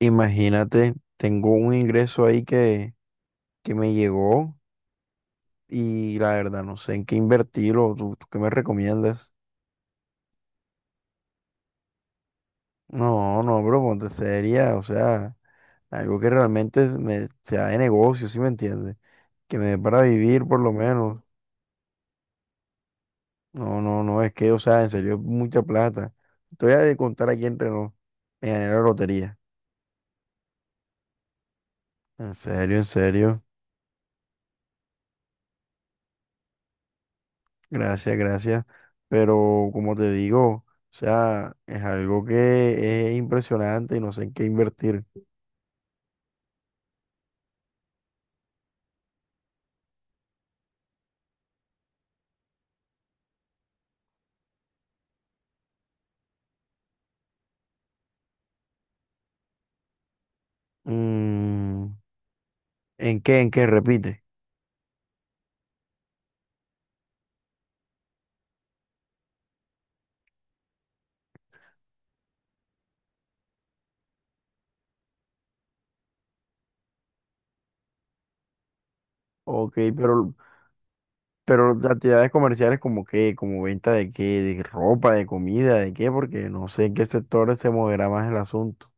Imagínate, tengo un ingreso ahí que me llegó y la verdad no sé en qué invertirlo. ¿Tú qué me recomiendas? No, no, bro, ponte seria. O sea, algo que realmente sea de negocio, ¿sí me entiendes? Que me dé para vivir por lo menos. No, no, no, es que, o sea, en serio, es mucha plata. Te voy a contar aquí entre nos. Me gané la lotería. En serio, en serio. Gracias, gracias. Pero como te digo, o sea, es algo que es impresionante y no sé en qué invertir. Mm, ¿en qué? ¿En qué? Repite. Ok, pero las actividades comerciales como qué, como venta de qué, de ropa, de comida, de qué, porque no sé en qué sectores se moverá más el asunto.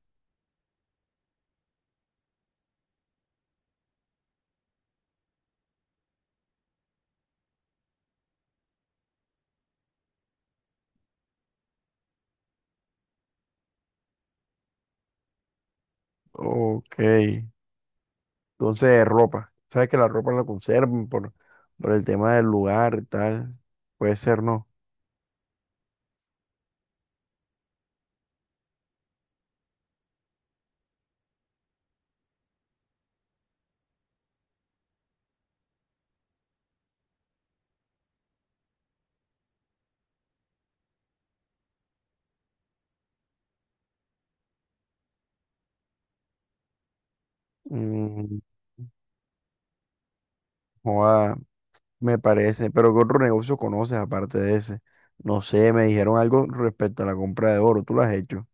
Ok, entonces ropa. Sabes que la ropa la conservan por el tema del lugar, y tal. Puede ser, ¿no? Mm, joda. Me parece, pero ¿qué otro negocio conoces aparte de ese? No sé, me dijeron algo respecto a la compra de oro, ¿tú lo has hecho?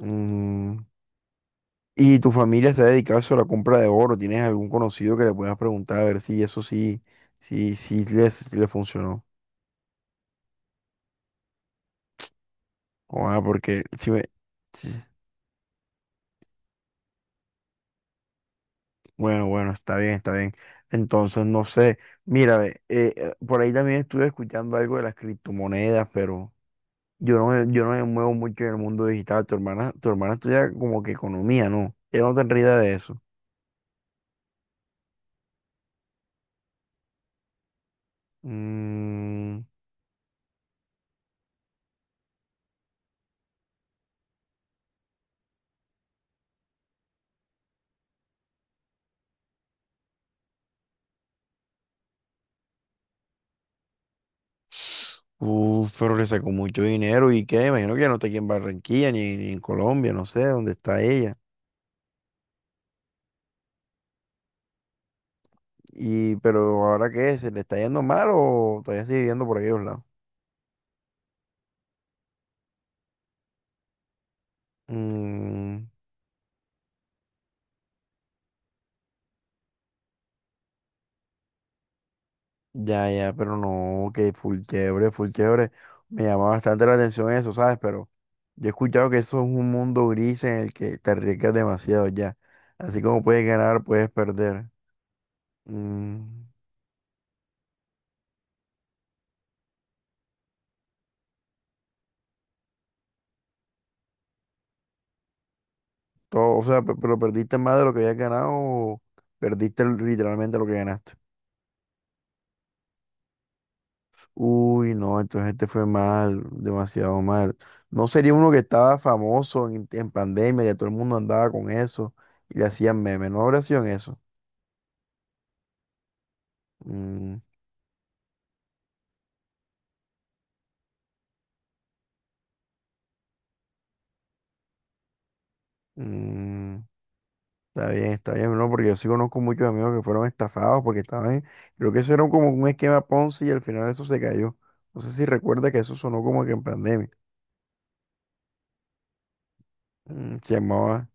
Mm, ¿y tu familia se ha dedicado a eso, a la compra de oro? ¿Tienes algún conocido que le puedas preguntar a ver si eso sí, sí, sí le funcionó? O, ah, porque si me... sí. Bueno, bueno, está bien, está bien. Entonces, no sé, mira, ve, por ahí también estuve escuchando algo de las criptomonedas, pero... Yo no, yo no me muevo mucho en el mundo digital. Tu hermana estudia como que economía, ¿no? Ella no tendría idea de eso. Mm, uf, pero le sacó mucho dinero y qué, imagino que ya no está aquí en Barranquilla ni en Colombia, no sé dónde está ella. Y, pero ahora qué, ¿se le está yendo mal o todavía sigue viviendo por aquellos lados? Mm. Ya, ya, pero no, que full chévere, full chévere. Me llama bastante la atención eso, ¿sabes? Pero yo he escuchado que eso es un mundo gris en el que te arriesgas demasiado ya. Así como puedes ganar, puedes perder. Mm, todo, o sea, pero perdiste más de lo que habías ganado o perdiste literalmente lo que ganaste. Uy, no, entonces este fue mal, demasiado mal. No sería uno que estaba famoso en pandemia, que todo el mundo andaba con eso y le hacían memes, no habría sido en eso. Mm. Mm, está bien, no, porque yo sí conozco muchos amigos que fueron estafados porque estaban, creo que eso era como un esquema Ponzi y al final eso se cayó. No sé si recuerda que eso sonó como que en pandemia. Mm, se llamaba,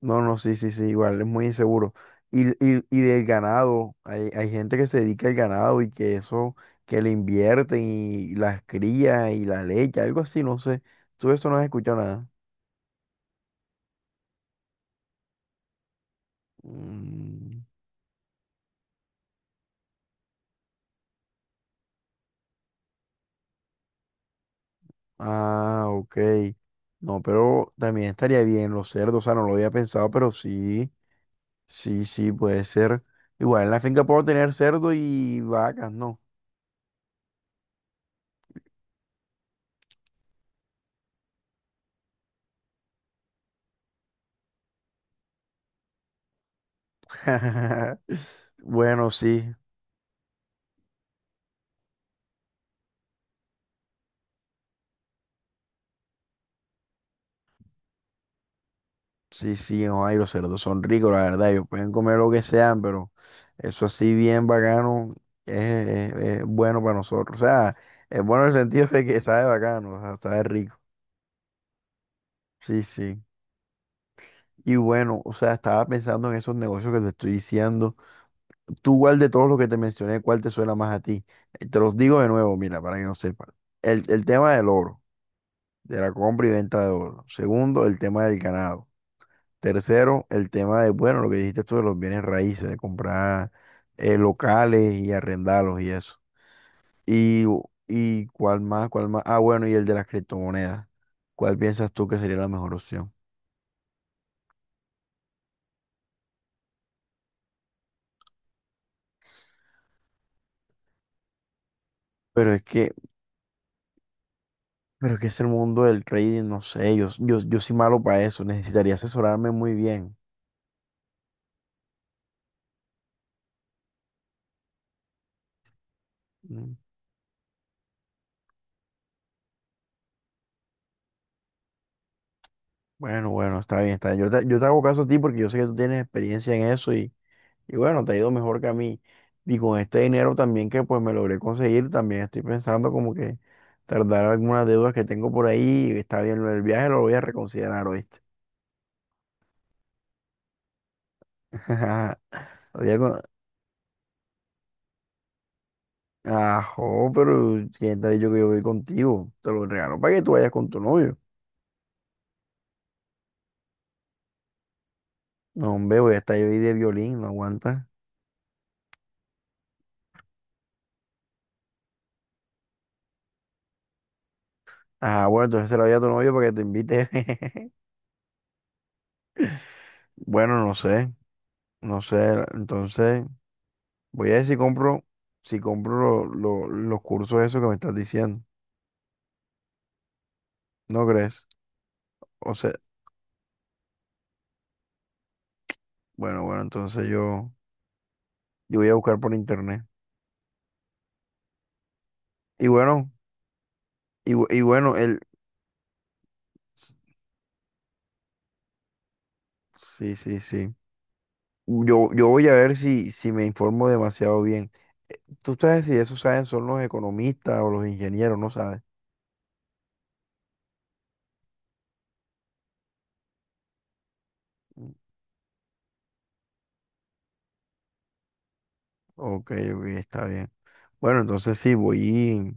no, no, sí, sí, sí, igual, es muy inseguro. Y del ganado, hay gente que se dedica al ganado y que eso, que le invierten y las cría y la leche, algo así, no sé. Tú de eso no has escuchado nada. Mm. Ah, ok. No, pero también estaría bien los cerdos, o sea, no lo había pensado, pero sí, sí, sí, puede ser. Igual en la finca puedo tener cerdo y vacas, ¿no? Bueno, sí, sí, sí, no, ay, los cerdos son ricos, la verdad, ellos pueden comer lo que sean, pero eso así bien bacano es, es- es bueno para nosotros, o sea, es bueno en el sentido de que sabe bacano, o sea, sabe rico, sí, sí. Y bueno, o sea, estaba pensando en esos negocios que te estoy diciendo. Tú, ¿cuál de todos los que te mencioné, cuál te suena más a ti? Te los digo de nuevo, mira, para que no sepan. El tema del oro, de la compra y venta de oro. Segundo, el tema del ganado. Tercero, el tema de, bueno, lo que dijiste tú de los bienes raíces, de comprar locales y arrendarlos y eso. Y, y cuál más, cuál más. Ah, bueno, y el de las criptomonedas. ¿Cuál piensas tú que sería la mejor opción? Pero es que, pero es que es el mundo del trading, no sé, yo soy malo para eso, necesitaría asesorarme muy bien. Mm. Bueno, bueno, está bien, está bien. Yo te hago caso a ti porque yo sé que tú tienes experiencia en eso y bueno, te ha ido mejor que a mí. Y con este dinero también que pues me logré conseguir, también estoy pensando como que tardar algunas deudas que tengo por ahí. Está bien, lo del viaje lo voy a reconsiderar, ¿oíste? Voy a con- Ajo, pero ¿quién te ha dicho que yo voy contigo? Te lo regalo para que tú vayas con tu novio. No, hombre, voy a estar yo ahí de violín, no aguanta. Ah, bueno, entonces se la voy a tu novio para que te invite. Bueno, no sé. No sé, entonces voy a ver si compro, si compro los cursos esos que me estás diciendo. ¿No crees? O sea, bueno, bueno, entonces yo voy a buscar por internet. Y bueno, y, y bueno, el, sí, sí, sí. Yo voy a ver si, si me informo demasiado bien. Tú sabes si eso saben son los economistas o los ingenieros, ¿no sabes? Ok, ok, está bien. Bueno, entonces sí, voy,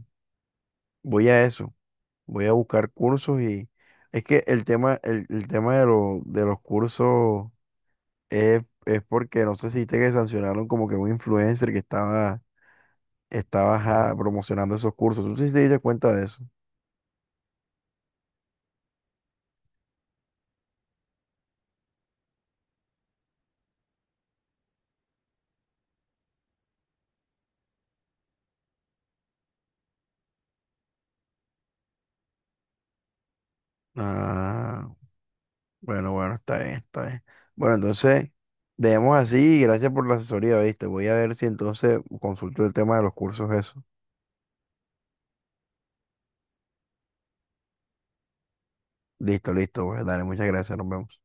voy a eso. Voy a buscar cursos y es que el tema, el tema de, de los cursos es porque no sé si viste que sancionaron como que un influencer que estaba, estaba ajá, promocionando esos cursos. ¿Tú sí te diste cuenta de eso? Ah, bueno, bueno, está bien, está bien. Bueno, entonces, dejemos así y gracias por la asesoría, ¿viste? Voy a ver si entonces consulto el tema de los cursos eso. Listo, listo, pues dale, muchas gracias, nos vemos.